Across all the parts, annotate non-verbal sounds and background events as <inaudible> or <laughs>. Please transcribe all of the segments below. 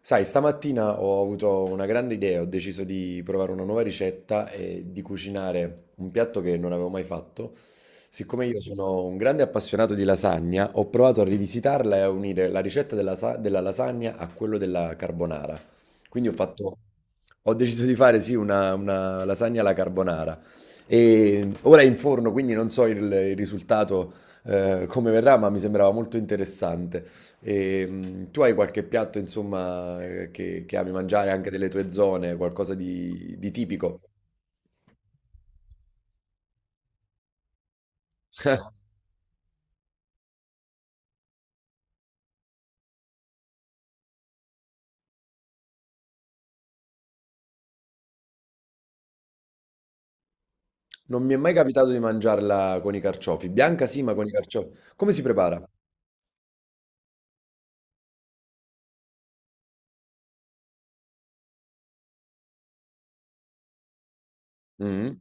Sai, stamattina ho avuto una grande idea, ho deciso di provare una nuova ricetta e di cucinare un piatto che non avevo mai fatto. Siccome io sono un grande appassionato di lasagna, ho provato a rivisitarla e a unire la ricetta della lasagna a quello della carbonara. Quindi ho fatto, Ho deciso di fare sì una lasagna alla carbonara. E ora è in forno, quindi non so il risultato come verrà, ma mi sembrava molto interessante. E, tu hai qualche piatto, insomma, che ami mangiare anche delle tue zone, qualcosa di tipico? <laughs> Non mi è mai capitato di mangiarla con i carciofi. Bianca sì, ma con i carciofi. Come si prepara? Mhm.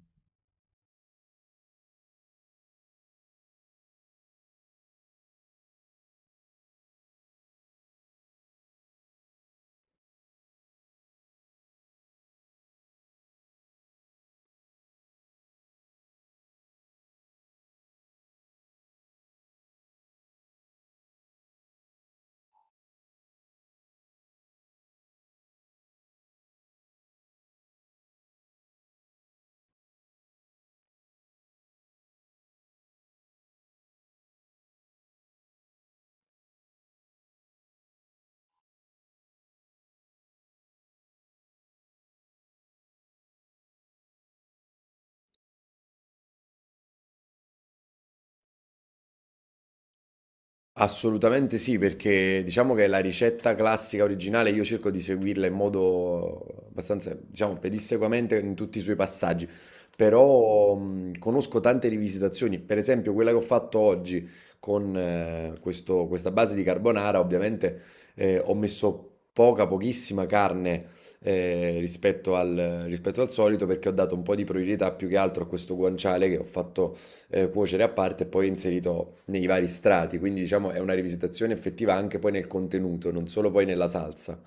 Assolutamente sì, perché diciamo che la ricetta classica originale io cerco di seguirla in modo abbastanza, diciamo, pedissequamente in tutti i suoi passaggi, però conosco tante rivisitazioni, per esempio quella che ho fatto oggi con questa base di carbonara, ovviamente ho messo pochissima carne rispetto al solito, perché ho dato un po' di priorità più che altro a questo guanciale che ho fatto cuocere a parte e poi inserito nei vari strati, quindi diciamo è una rivisitazione effettiva anche poi nel contenuto, non solo poi nella salsa.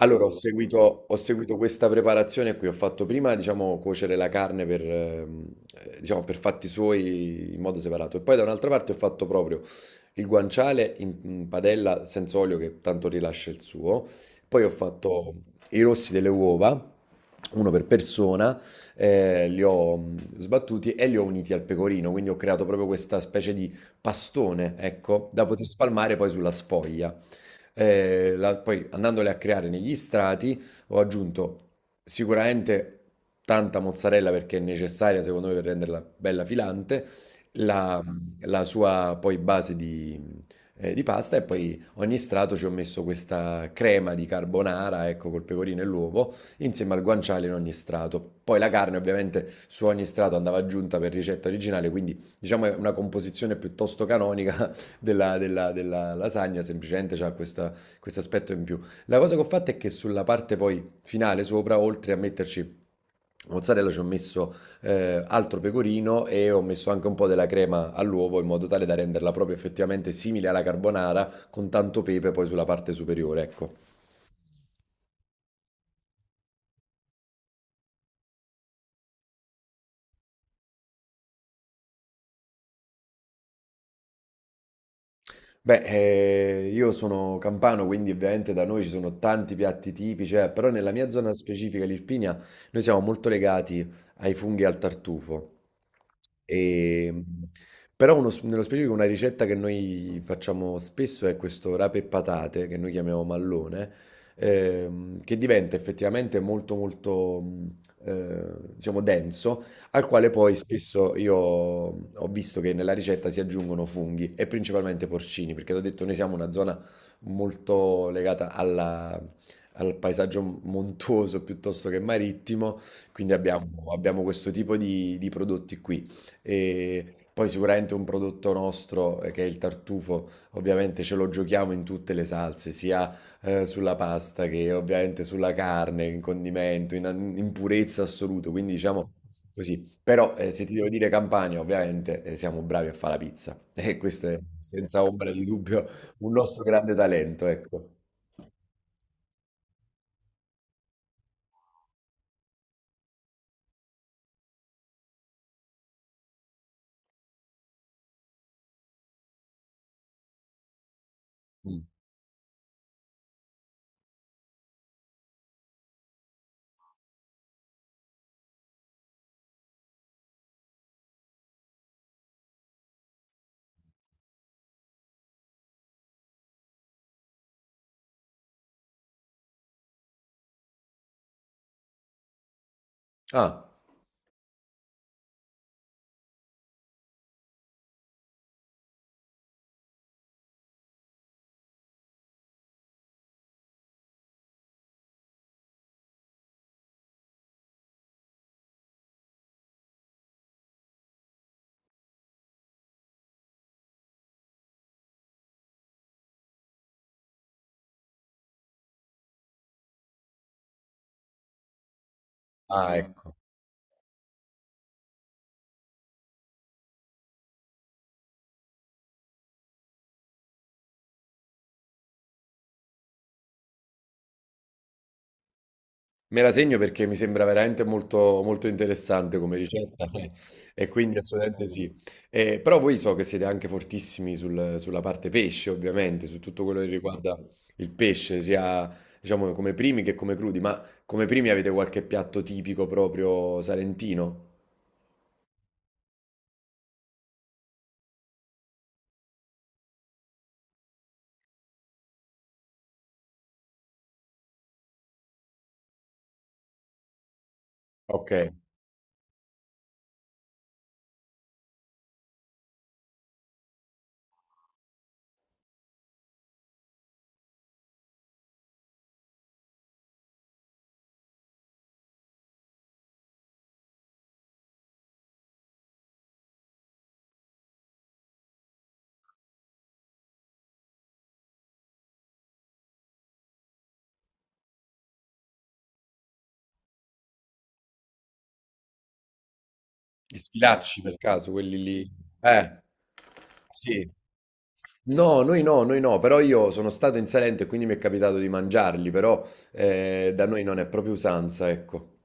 Allora, ho seguito questa preparazione qui, ho fatto prima, diciamo, cuocere la carne per, diciamo, per fatti suoi in modo separato e poi da un'altra parte ho fatto proprio il guanciale in padella senza olio, che tanto rilascia il suo. Poi ho fatto i rossi delle uova, uno per persona, li ho sbattuti e li ho uniti al pecorino, quindi ho creato proprio questa specie di pastone, ecco, da poter spalmare poi sulla sfoglia poi andandole a creare negli strati. Ho aggiunto sicuramente tanta mozzarella, perché è necessaria secondo me per renderla bella filante, la, la sua poi base di pasta. E poi ogni strato ci ho messo questa crema di carbonara, ecco, col pecorino e l'uovo, insieme al guanciale in ogni strato. Poi la carne ovviamente su ogni strato andava aggiunta per ricetta originale, quindi diciamo è una composizione piuttosto canonica della lasagna, semplicemente ha questo aspetto in più. La cosa che ho fatto è che sulla parte poi finale sopra, oltre a metterci mozzarella, ci ho messo altro pecorino e ho messo anche un po' della crema all'uovo, in modo tale da renderla proprio effettivamente simile alla carbonara, con tanto pepe poi sulla parte superiore, ecco. Beh, io sono campano, quindi ovviamente da noi ci sono tanti piatti tipici, però nella mia zona specifica, l'Irpinia, noi siamo molto legati ai funghi e al tartufo. E, però nello specifico una ricetta che noi facciamo spesso è questo rape e patate, che noi chiamiamo mallone, che diventa effettivamente molto molto diciamo denso, al quale poi spesso io ho visto che nella ricetta si aggiungono funghi e principalmente porcini, perché ti ho detto, noi siamo una zona molto legata al paesaggio montuoso piuttosto che marittimo, quindi abbiamo questo tipo di prodotti qui. E poi sicuramente un prodotto nostro, che è il tartufo, ovviamente ce lo giochiamo in tutte le salse, sia sulla pasta che ovviamente sulla carne, in condimento, in purezza assoluta, quindi diciamo... Così. Però, se ti devo dire Campania, ovviamente, siamo bravi a fa' la pizza <laughs> e questo è senza ombra di dubbio un nostro grande talento, ecco. Mh. Ah. Ah, ecco. Me la segno, perché mi sembra veramente molto molto interessante come ricetta <laughs> e quindi assolutamente sì. Però voi so che siete anche fortissimi sul sulla parte pesce ovviamente, su tutto quello che riguarda il pesce, sia diciamo come primi che come crudi, ma come primi avete qualche piatto tipico proprio salentino? Okay. Gli sfilacci, per caso, quelli lì? Eh, sì. No, noi no, noi no, però io sono stato in Salento e quindi mi è capitato di mangiarli, però da noi non è proprio usanza, ecco.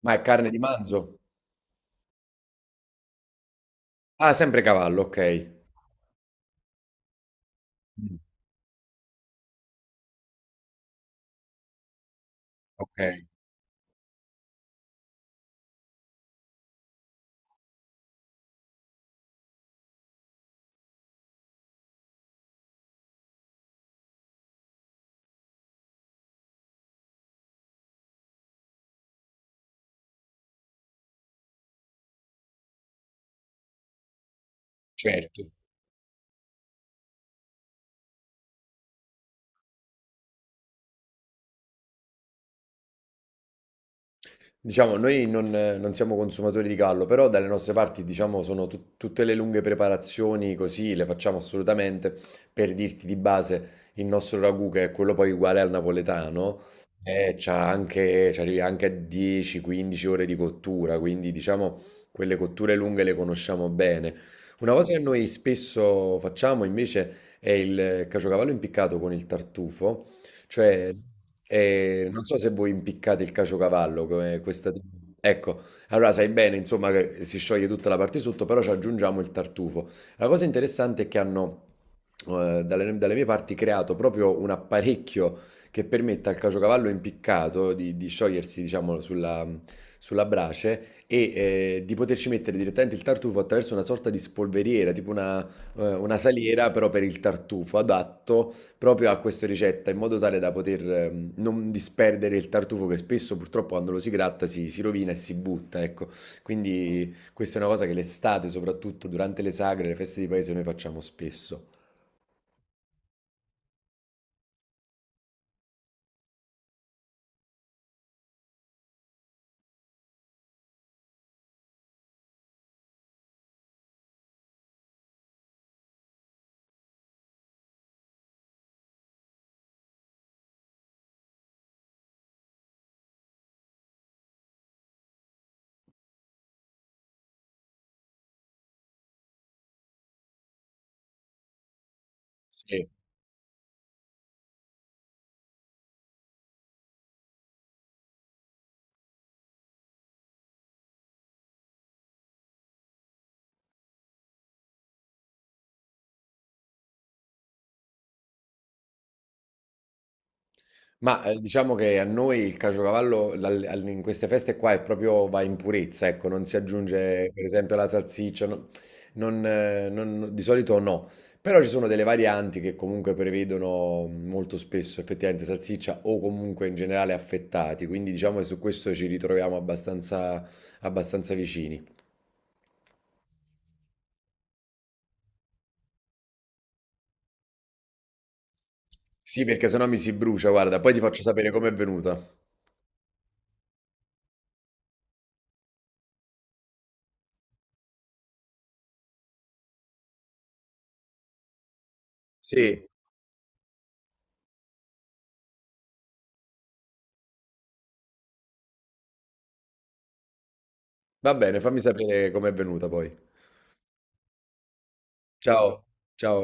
Ma è carne di manzo? Ah, sempre cavallo, ok. Mm, ok, certo. Diciamo, noi non, non siamo consumatori di gallo, però dalle nostre parti, diciamo, sono tutte le lunghe preparazioni così, le facciamo assolutamente. Per dirti, di base, il nostro ragù, che è quello poi uguale al napoletano, c'ha anche, ci arrivi anche a 10-15 ore di cottura, quindi diciamo, quelle cotture lunghe le conosciamo bene. Una cosa che noi spesso facciamo invece è il caciocavallo impiccato con il tartufo, cioè, non so se voi impiccate il caciocavallo come questa, ecco, allora sai bene insomma che si scioglie tutta la parte sotto, però ci aggiungiamo il tartufo. La cosa interessante è che hanno, dalle mie parti creato proprio un apparecchio che permette al caciocavallo impiccato di sciogliersi diciamo sulla brace e, di poterci mettere direttamente il tartufo attraverso una sorta di spolveriera, tipo una saliera però per il tartufo, adatto proprio a questa ricetta, in modo tale da poter non disperdere il tartufo, che spesso purtroppo quando lo si gratta si rovina e si butta, ecco. Quindi questa è una cosa che l'estate, soprattutto durante le sagre, le feste di paese, noi facciamo spesso. Sì. Ma, diciamo che a noi il caciocavallo dal al in queste feste qua è proprio, va in purezza, ecco, non si aggiunge per esempio la salsiccia, no, non di solito, no. Però ci sono delle varianti che comunque prevedono molto spesso effettivamente salsiccia o comunque in generale affettati, quindi diciamo che su questo ci ritroviamo abbastanza abbastanza vicini. Sì, perché se no mi si brucia, guarda, poi ti faccio sapere com'è venuta. Sì, va bene, fammi sapere com'è venuta poi. Ciao, ciao.